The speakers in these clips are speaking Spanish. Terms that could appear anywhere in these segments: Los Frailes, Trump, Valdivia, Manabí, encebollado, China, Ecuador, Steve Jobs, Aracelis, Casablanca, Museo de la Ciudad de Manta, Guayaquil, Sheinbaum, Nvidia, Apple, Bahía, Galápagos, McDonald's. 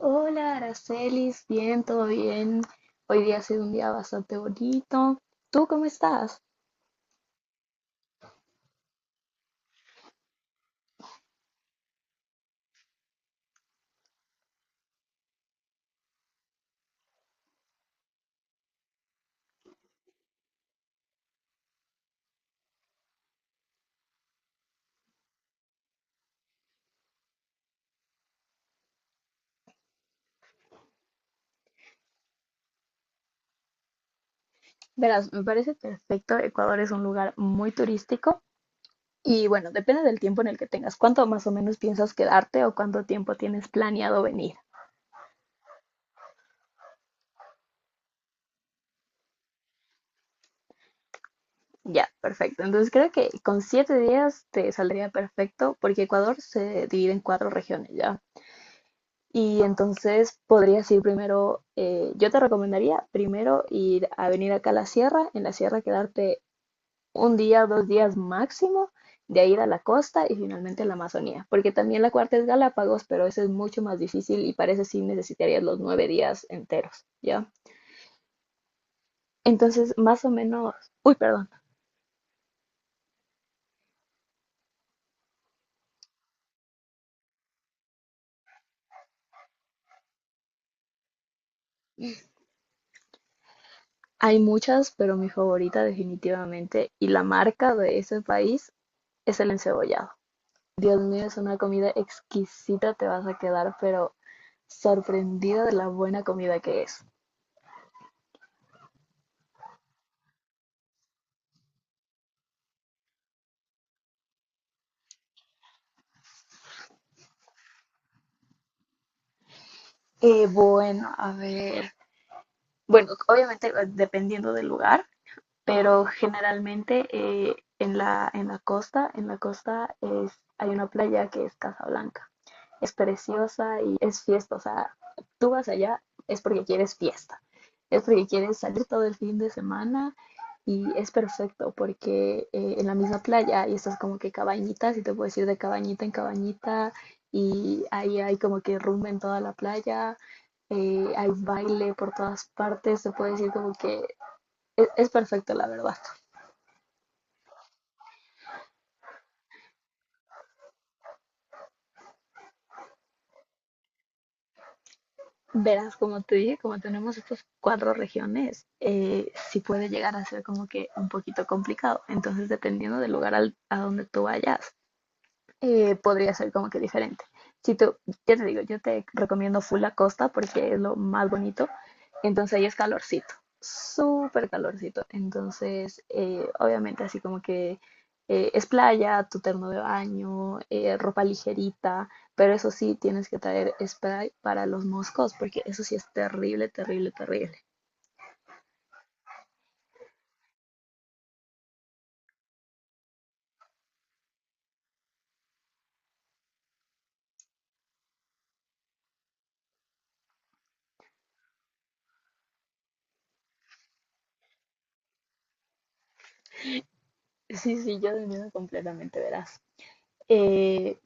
Hola, Aracelis, bien, todo bien. Hoy día ha sido un día bastante bonito. ¿Tú cómo estás? Verás, me parece perfecto. Ecuador es un lugar muy turístico y bueno, depende del tiempo en el que tengas. ¿Cuánto más o menos piensas quedarte o cuánto tiempo tienes planeado venir? Ya, perfecto. Entonces creo que con 7 días te saldría perfecto porque Ecuador se divide en cuatro regiones ya. Y entonces podrías ir primero, yo te recomendaría primero ir a venir acá a la sierra, en la sierra quedarte un día, 2 días máximo, de ahí ir a la costa y finalmente a la Amazonía, porque también la cuarta es Galápagos, pero esa es mucho más difícil y parece sí necesitarías los 9 días enteros, ¿ya? Entonces, más o menos, uy, perdón, hay muchas, pero mi favorita definitivamente y la marca de ese país es el encebollado. Dios mío, es una comida exquisita, te vas a quedar, pero sorprendida de la buena comida que es. Bueno, a ver. Bueno, obviamente dependiendo del lugar, pero generalmente en la costa es, hay una playa que es Casablanca. Es preciosa y es fiesta, o sea, tú vas allá es porque quieres fiesta, es porque quieres salir todo el fin de semana y es perfecto porque en la misma playa y estás como que cabañitas y te puedes ir de cabañita en cabañita y ahí hay como que rumba en toda la playa, hay baile por todas partes, te puedes ir como que es perfecto, la verdad. Verás, como te dije, como tenemos estas cuatro regiones, sí puede llegar a ser como que un poquito complicado. Entonces, dependiendo del lugar a donde tú vayas, podría ser como que diferente. Si tú, ya te digo, yo te recomiendo full la costa porque es lo más bonito. Entonces ahí es calorcito, súper calorcito. Entonces, obviamente así como que es playa, tu terno de baño, ropa ligerita, pero eso sí tienes que traer spray para los moscos porque eso sí es terrible, terrible, terrible. Sí, sí, yo entiendo completamente, verás. Eh,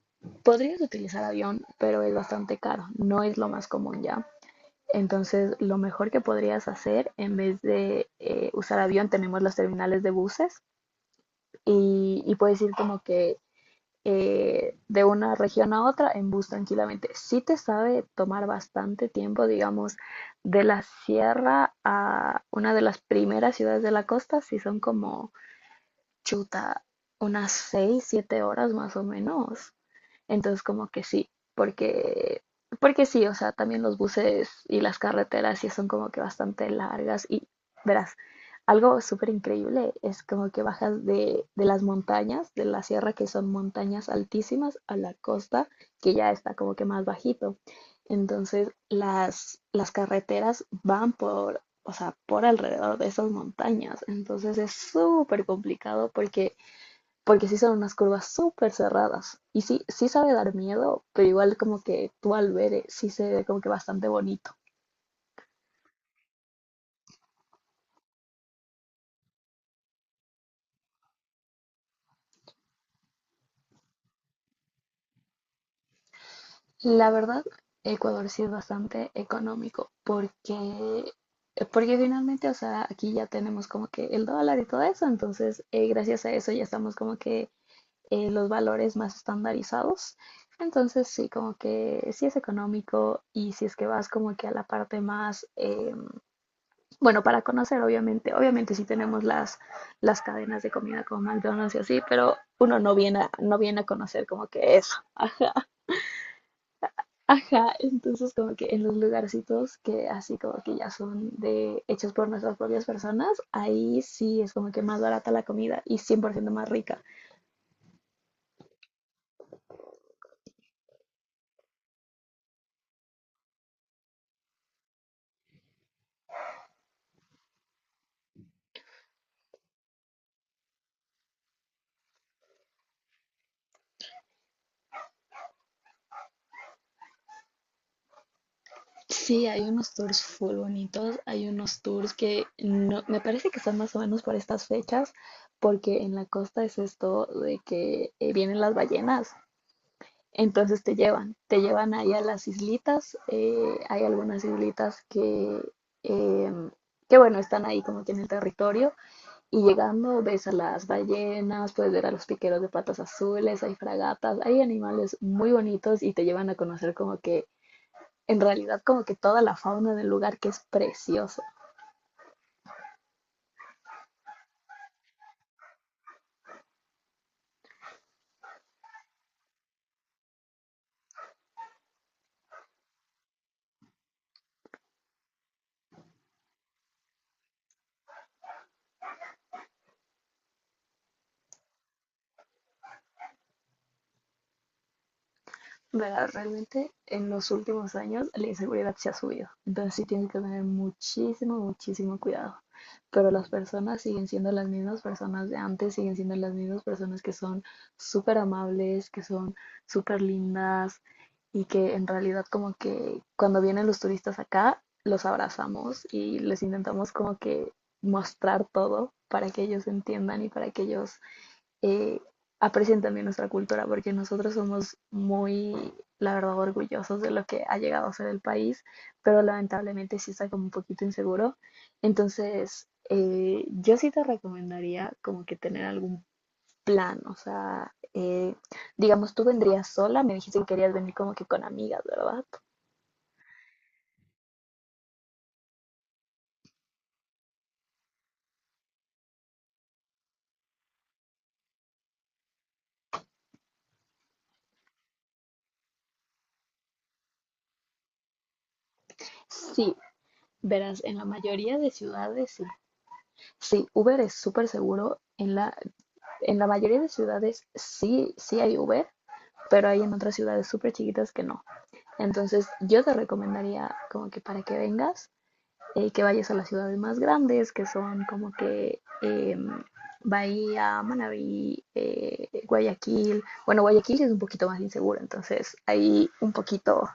podrías utilizar avión, pero es bastante caro, no es lo más común ya. Entonces, lo mejor que podrías hacer, en vez de usar avión, tenemos los terminales de buses y puedes ir como que de una región a otra en bus tranquilamente. Sí te sabe tomar bastante tiempo, digamos, de la sierra a una de las primeras ciudades de la costa, sí son como chuta, unas 6, 7 horas más o menos. Entonces, como que sí, porque, porque sí, o sea, también los buses y las carreteras sí son como que bastante largas y verás, algo súper increíble es como que bajas de las montañas, de la sierra, que son montañas altísimas, a la costa, que ya está como que más bajito. Entonces, las carreteras van por, o sea, por alrededor de esas montañas. Entonces, es súper complicado porque sí son unas curvas súper cerradas. Y sí, sí sabe dar miedo, pero igual como que tú al ver sí se ve como que bastante bonito. La verdad, Ecuador sí es bastante económico porque finalmente, o sea, aquí ya tenemos como que el dólar y todo eso, entonces gracias a eso ya estamos como que los valores más estandarizados. Entonces sí, como que sí es económico y si es que vas como que a la parte más bueno, para conocer, obviamente sí tenemos las cadenas de comida como McDonald's y así, pero uno no viene a, no viene a conocer como que eso. Ajá, entonces como que en los lugarcitos que así como que ya son de hechos por nuestras propias personas, ahí sí es como que más barata la comida y 100% más rica. Sí, hay unos tours full bonitos, hay unos tours que no, me parece que están más o menos por estas fechas, porque en la costa es esto de que vienen las ballenas. Entonces te llevan ahí a las islitas. Hay algunas islitas que, em, que, bueno, están ahí como que en el territorio. Y llegando ves a las ballenas, puedes ver a los piqueros de patas azules, hay fragatas, hay animales muy bonitos y te llevan a conocer como que, en realidad, como que toda la fauna del lugar que es preciosa. Verás, realmente en los últimos años la inseguridad se ha subido, entonces sí tienes que tener muchísimo, muchísimo cuidado. Pero las personas siguen siendo las mismas personas de antes, siguen siendo las mismas personas que son súper amables, que son súper lindas y que en realidad como que cuando vienen los turistas acá, los abrazamos y les intentamos como que mostrar todo para que ellos entiendan y para que ellos eh, aprecien también nuestra cultura, porque nosotros somos muy, la verdad, orgullosos de lo que ha llegado a ser el país, pero lamentablemente sí está como un poquito inseguro. Entonces, yo sí te recomendaría como que tener algún plan, o sea, digamos, tú vendrías sola, me dijiste que querías venir como que con amigas, ¿verdad? Sí, verás, en la mayoría de ciudades sí. Sí, Uber es súper seguro, en la mayoría de ciudades sí, sí hay Uber. Pero hay en otras ciudades súper chiquitas que no. Entonces yo te recomendaría como que para que vengas, que vayas a las ciudades más grandes, que son como que Bahía, Manabí, Guayaquil. Bueno, Guayaquil es un poquito más inseguro, entonces ahí un poquito,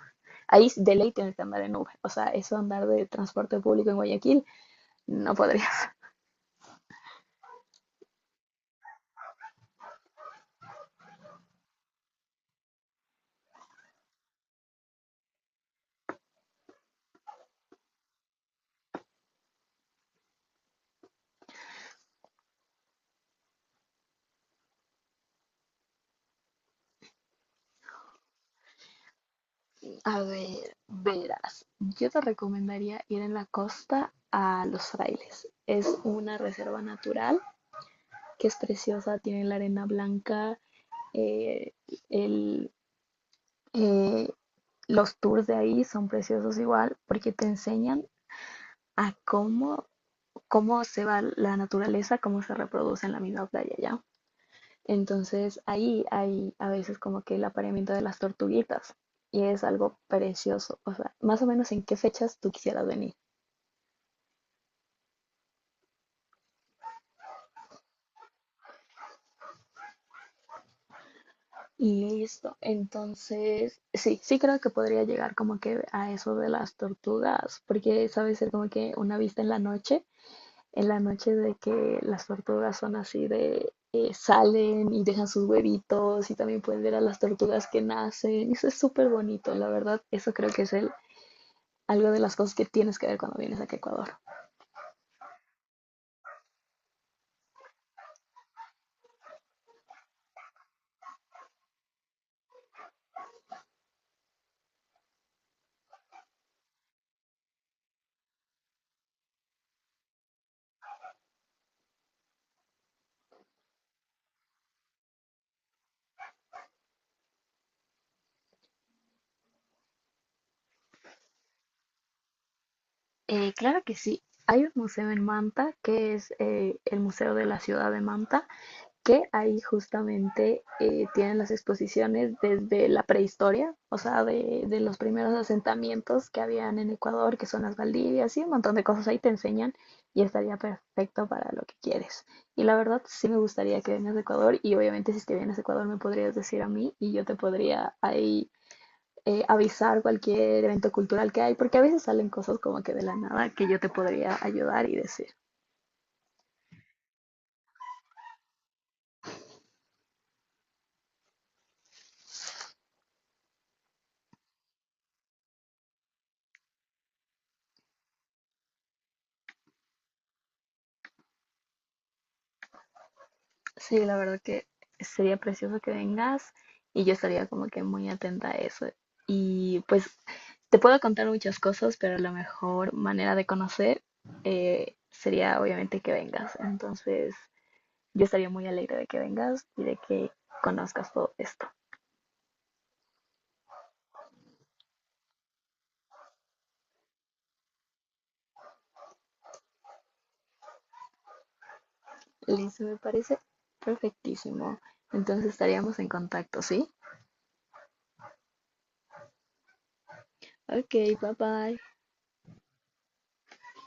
ahí de ley tienes que andar en Uber. O sea, eso andar de transporte público en Guayaquil no podría. A ver, verás, yo te recomendaría ir en la costa a Los Frailes. Es una reserva natural que es preciosa, tiene la arena blanca, eh, el, eh, los tours de ahí son preciosos igual porque te enseñan a cómo se va la naturaleza, cómo se reproduce en la misma playa ya. Entonces ahí hay a veces como que el apareamiento de las tortuguitas y es algo precioso. O sea, más o menos en qué fechas tú quisieras venir. Y listo. Entonces, sí, sí creo que podría llegar como que a eso de las tortugas, porque sabe ser como que una vista en la noche, de que las tortugas son así de salen y dejan sus huevitos y también pueden ver a las tortugas que nacen. Eso es súper bonito, la verdad. Eso creo que es algo de las cosas que tienes que ver cuando vienes aquí a Ecuador. Claro que sí. Hay un museo en Manta que es el Museo de la Ciudad de Manta que ahí justamente tienen las exposiciones desde la prehistoria, o sea, de los primeros asentamientos que habían en Ecuador, que son las Valdivias y un montón de cosas ahí te enseñan y estaría perfecto para lo que quieres. Y la verdad sí me gustaría que vengas a Ecuador y obviamente si es que vienes a Ecuador me podrías decir a mí y yo te podría ahí avisar cualquier evento cultural que hay, porque a veces salen cosas como que de la nada que yo te podría ayudar y decir. Sí, la verdad que sería precioso que vengas y yo estaría como que muy atenta a eso. Y pues te puedo contar muchas cosas, pero la mejor manera de conocer sería obviamente que vengas. Entonces yo estaría muy alegre de que vengas y de que conozcas todo esto. Listo, me parece perfectísimo. Entonces estaríamos en contacto, ¿sí? Ok, bye bye.